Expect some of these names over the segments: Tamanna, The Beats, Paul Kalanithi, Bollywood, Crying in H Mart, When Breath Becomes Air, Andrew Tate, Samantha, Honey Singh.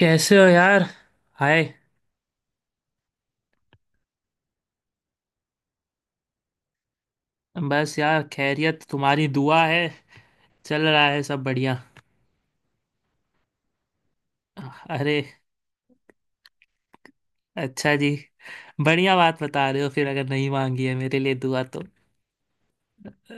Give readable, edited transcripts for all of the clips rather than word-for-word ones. कैसे हो यार। हाय। बस यार, खैरियत। तुम्हारी दुआ है। चल रहा है सब बढ़िया। अरे। अच्छा जी। बढ़िया बात बता रहे हो फिर, अगर नहीं मांगी है मेरे लिए दुआ तो। अ,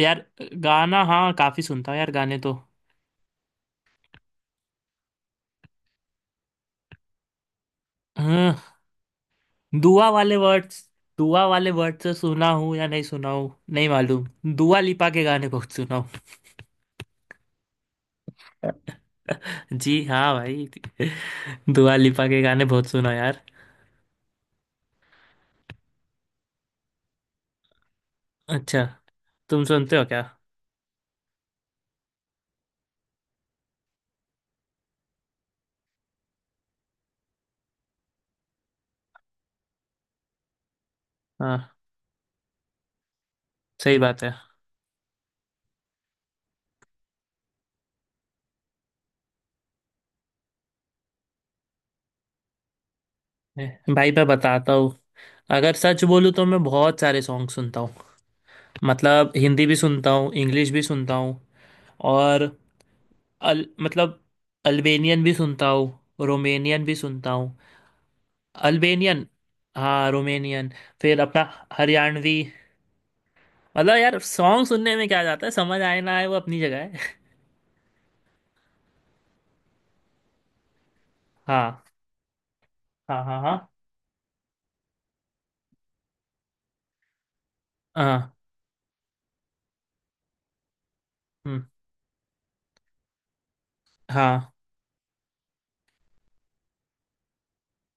यार गाना, हाँ, काफी सुनता हूँ यार गाने तो। हाँ। दुआ वाले वर्ड्स। दुआ वाले वर्ड से सुना हूँ या नहीं सुना हूँ, नहीं मालूम। दुआ लिपा के गाने बहुत सुना हूँ। जी हाँ भाई। दुआ लिपा के गाने बहुत सुना यार। अच्छा। तुम सुनते हो क्या? हाँ, सही बात है। भाई, मैं बताता हूँ, अगर सच बोलूँ तो मैं बहुत सारे सॉन्ग सुनता हूँ। मतलब हिंदी भी सुनता हूँ, इंग्लिश भी सुनता हूँ। और अल मतलब अल्बेनियन भी सुनता हूँ, रोमेनियन भी सुनता हूँ। अल्बेनियन, हाँ, रोमेनियन। फिर अपना हरियाणवी। मतलब यार सॉन्ग सुनने में क्या जाता है, समझ आए ना आए वो अपनी जगह है। हाँ, हाँ, हाँ। हाँ, हाँ। हम्म, हाँ,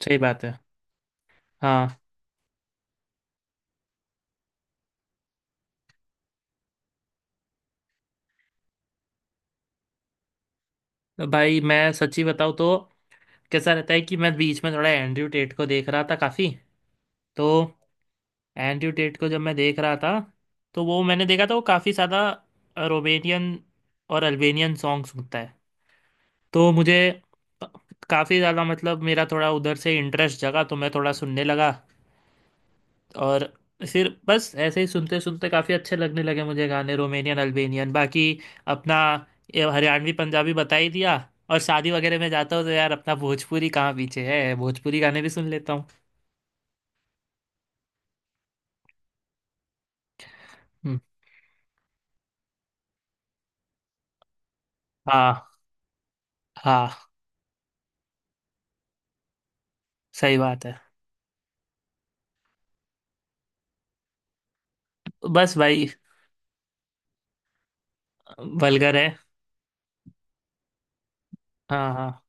सही बात है। हाँ। तो भाई, मैं सच्ची बताऊँ तो कैसा रहता है कि मैं बीच में थोड़ा एंड्रयू टेट को देख रहा था काफ़ी। तो एंड्रयू टेट को जब मैं देख रहा था, तो वो मैंने देखा था वो काफ़ी ज़्यादा रोमेनियन और अल्बेनियन सॉन्ग सुनता है। तो मुझे काफ़ी ज़्यादा, मतलब मेरा थोड़ा उधर से इंटरेस्ट जगा, तो मैं थोड़ा सुनने लगा। और फिर बस ऐसे ही सुनते सुनते काफ़ी अच्छे लगने लगे मुझे गाने रोमेनियन अल्बेनियन, बाकी अपना ये हरियाणवी पंजाबी बता ही दिया। और शादी वगैरह में जाता हूँ तो यार, अपना भोजपुरी कहाँ पीछे है, भोजपुरी गाने भी सुन लेता हूँ। हम्म, हाँ, हाँ, सही बात है। बस भाई, वल्गर है। हाँ, हाँ,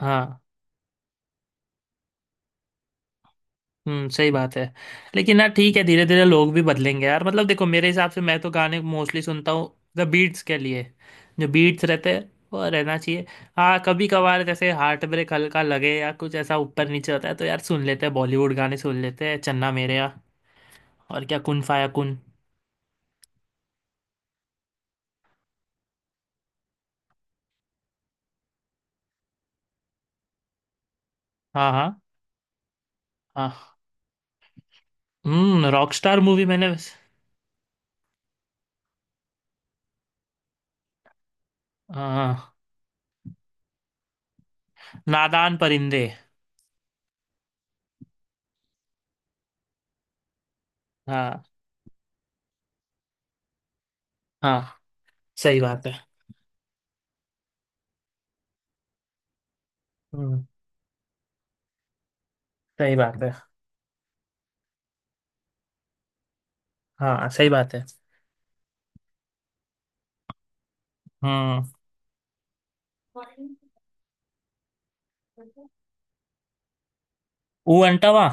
हाँ। हम्म, सही बात है। लेकिन यार ठीक है, धीरे धीरे लोग भी बदलेंगे यार। मतलब देखो, मेरे हिसाब से मैं तो गाने मोस्टली सुनता हूँ द बीट्स के लिए। जो बीट्स रहते हैं वो रहना चाहिए। हाँ, कभी कभार जैसे हार्ट ब्रेक हल्का लगे या कुछ ऐसा ऊपर नीचे होता है तो यार सुन लेते हैं, बॉलीवुड गाने सुन लेते हैं, चन्ना मेरेया। और क्या, कुन फाया कुन। हाँ, हाँ, हाँ। रॉकस्टार मूवी मैंने। हाँ, नादान परिंदे। हाँ, हाँ, सही बात है। हम्म, सही बात है। हाँ, सही बात है। हम्म। ऊ अंटावा?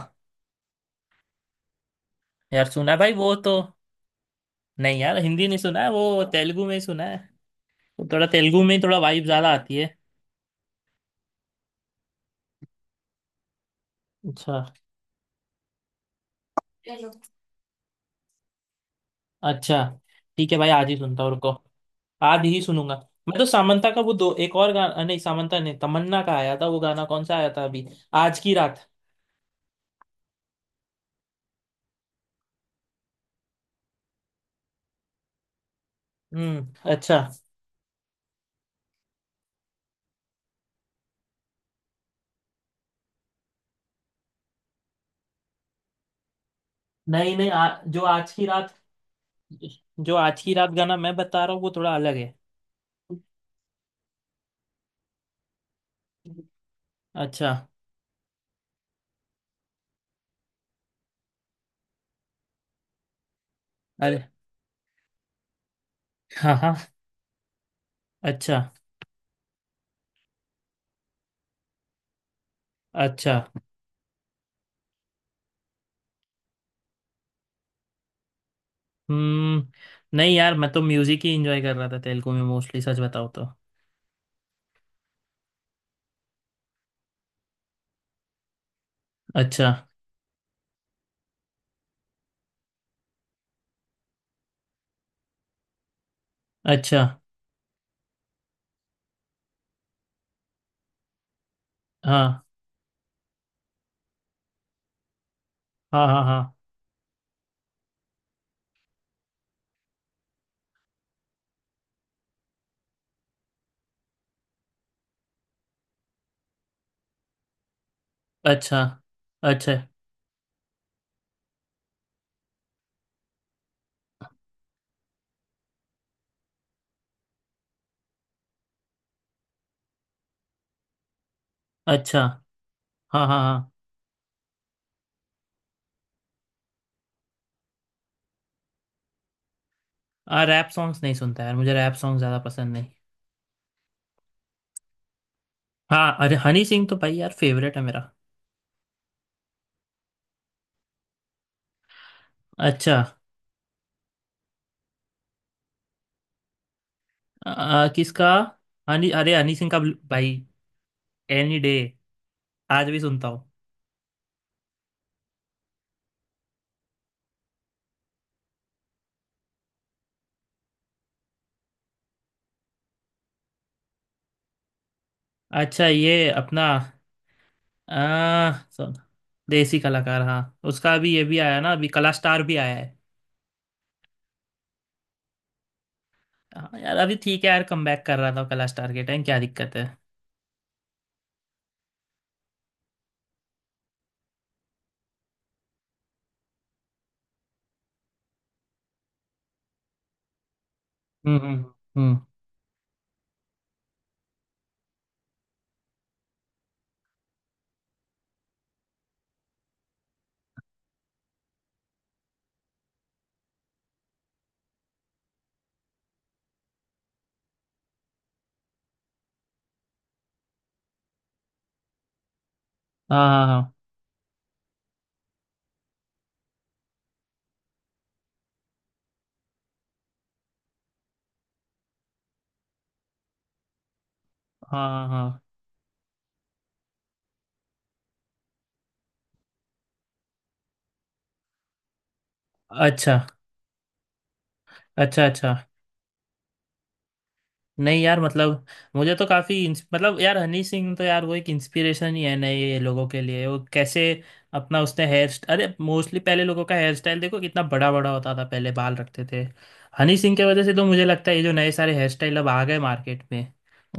यार सुना है भाई वो तो। नहीं यार, हिंदी नहीं सुना है, वो तेलुगु में ही सुना है। वो थोड़ा तेलुगु में ही थोड़ा वाइब ज्यादा आती है। अच्छा, अच्छा। ठीक है भाई, आज ही सुनता हूँ, रुको। आज ही सुनूंगा। मैं तो सामंता का वो दो एक और गाना, नहीं सामंता ने तमन्ना का आया था, वो गाना कौन सा आया था अभी? आज की रात। हम्म, अच्छा। नहीं, नहीं, जो आज की रात। जो आज की रात गाना मैं बता रहा हूँ वो थोड़ा अलग है। अच्छा। अरे, हाँ, हाँ। अच्छा, अच्छा। हम्म। नहीं यार, मैं तो म्यूजिक ही इंजॉय कर रहा था तेलुगु में, मोस्टली, सच बताओ तो। अच्छा। अच्छा। हाँ, हाँ, हाँ, हाँ। अच्छा, अच्छा, अच्छा। हाँ, हाँ, हाँ। हाँ, रैप सॉन्ग्स नहीं सुनता यार, मुझे रैप सॉन्ग ज़्यादा पसंद नहीं। हाँ, अरे हनी सिंह तो भाई यार फेवरेट है मेरा। अच्छा। आ, आ, किसका? हनी अरे, हनी सिंह का भाई। एनी डे आज भी सुनता हूँ। अच्छा, ये अपना, सुन, देसी कलाकार। हाँ। उसका अभी ये भी आया ना, अभी कला स्टार भी आया है। हाँ यार, अभी ठीक है यार, कम बैक कर रहा था कला स्टार के टाइम, क्या दिक्कत है। हम्म, हम्म, हम्म। हाँ, हाँ, हाँ। हाँ, हाँ, हाँ। अच्छा, अच्छा, अच्छा। नहीं यार, मतलब मुझे तो काफ़ी, मतलब यार हनी सिंह तो यार वो एक इंस्पिरेशन ही है नए ये लोगों के लिए, वो कैसे अपना उसने हेयर अरे, मोस्टली पहले लोगों का हेयर स्टाइल देखो कितना बड़ा बड़ा होता था, पहले बाल रखते थे। हनी सिंह की वजह से तो मुझे लगता है ये जो नए सारे हेयर स्टाइल अब आ गए मार्केट में,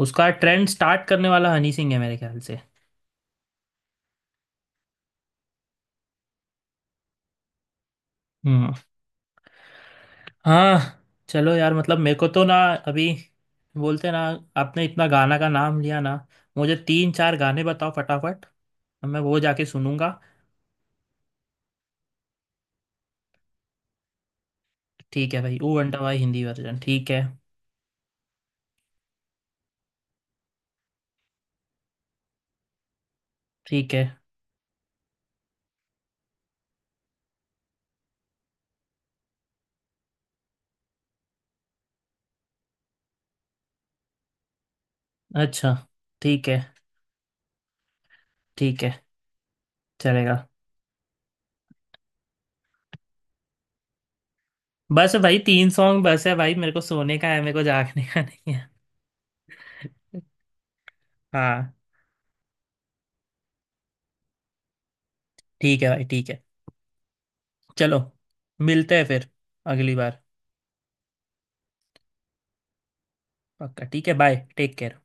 उसका ट्रेंड स्टार्ट करने वाला हनी सिंह है मेरे ख्याल से। हम्म। हाँ, चलो यार, मतलब मेरे को तो ना, अभी बोलते ना, आपने इतना गाना का नाम लिया ना, मुझे तीन चार गाने बताओ फटाफट तो मैं वो जाके सुनूंगा। ठीक है भाई, ओ अंडा भाई हिंदी वर्जन, ठीक है। ठीक है। अच्छा। ठीक है। ठीक है, चलेगा। बस भाई, तीन सॉन्ग बस है भाई, मेरे को सोने का है, मेरे को जागने का नहीं है। हाँ। ठीक है भाई, ठीक है, चलो। मिलते हैं फिर अगली बार। पक्का ठीक है, बाय, टेक केयर।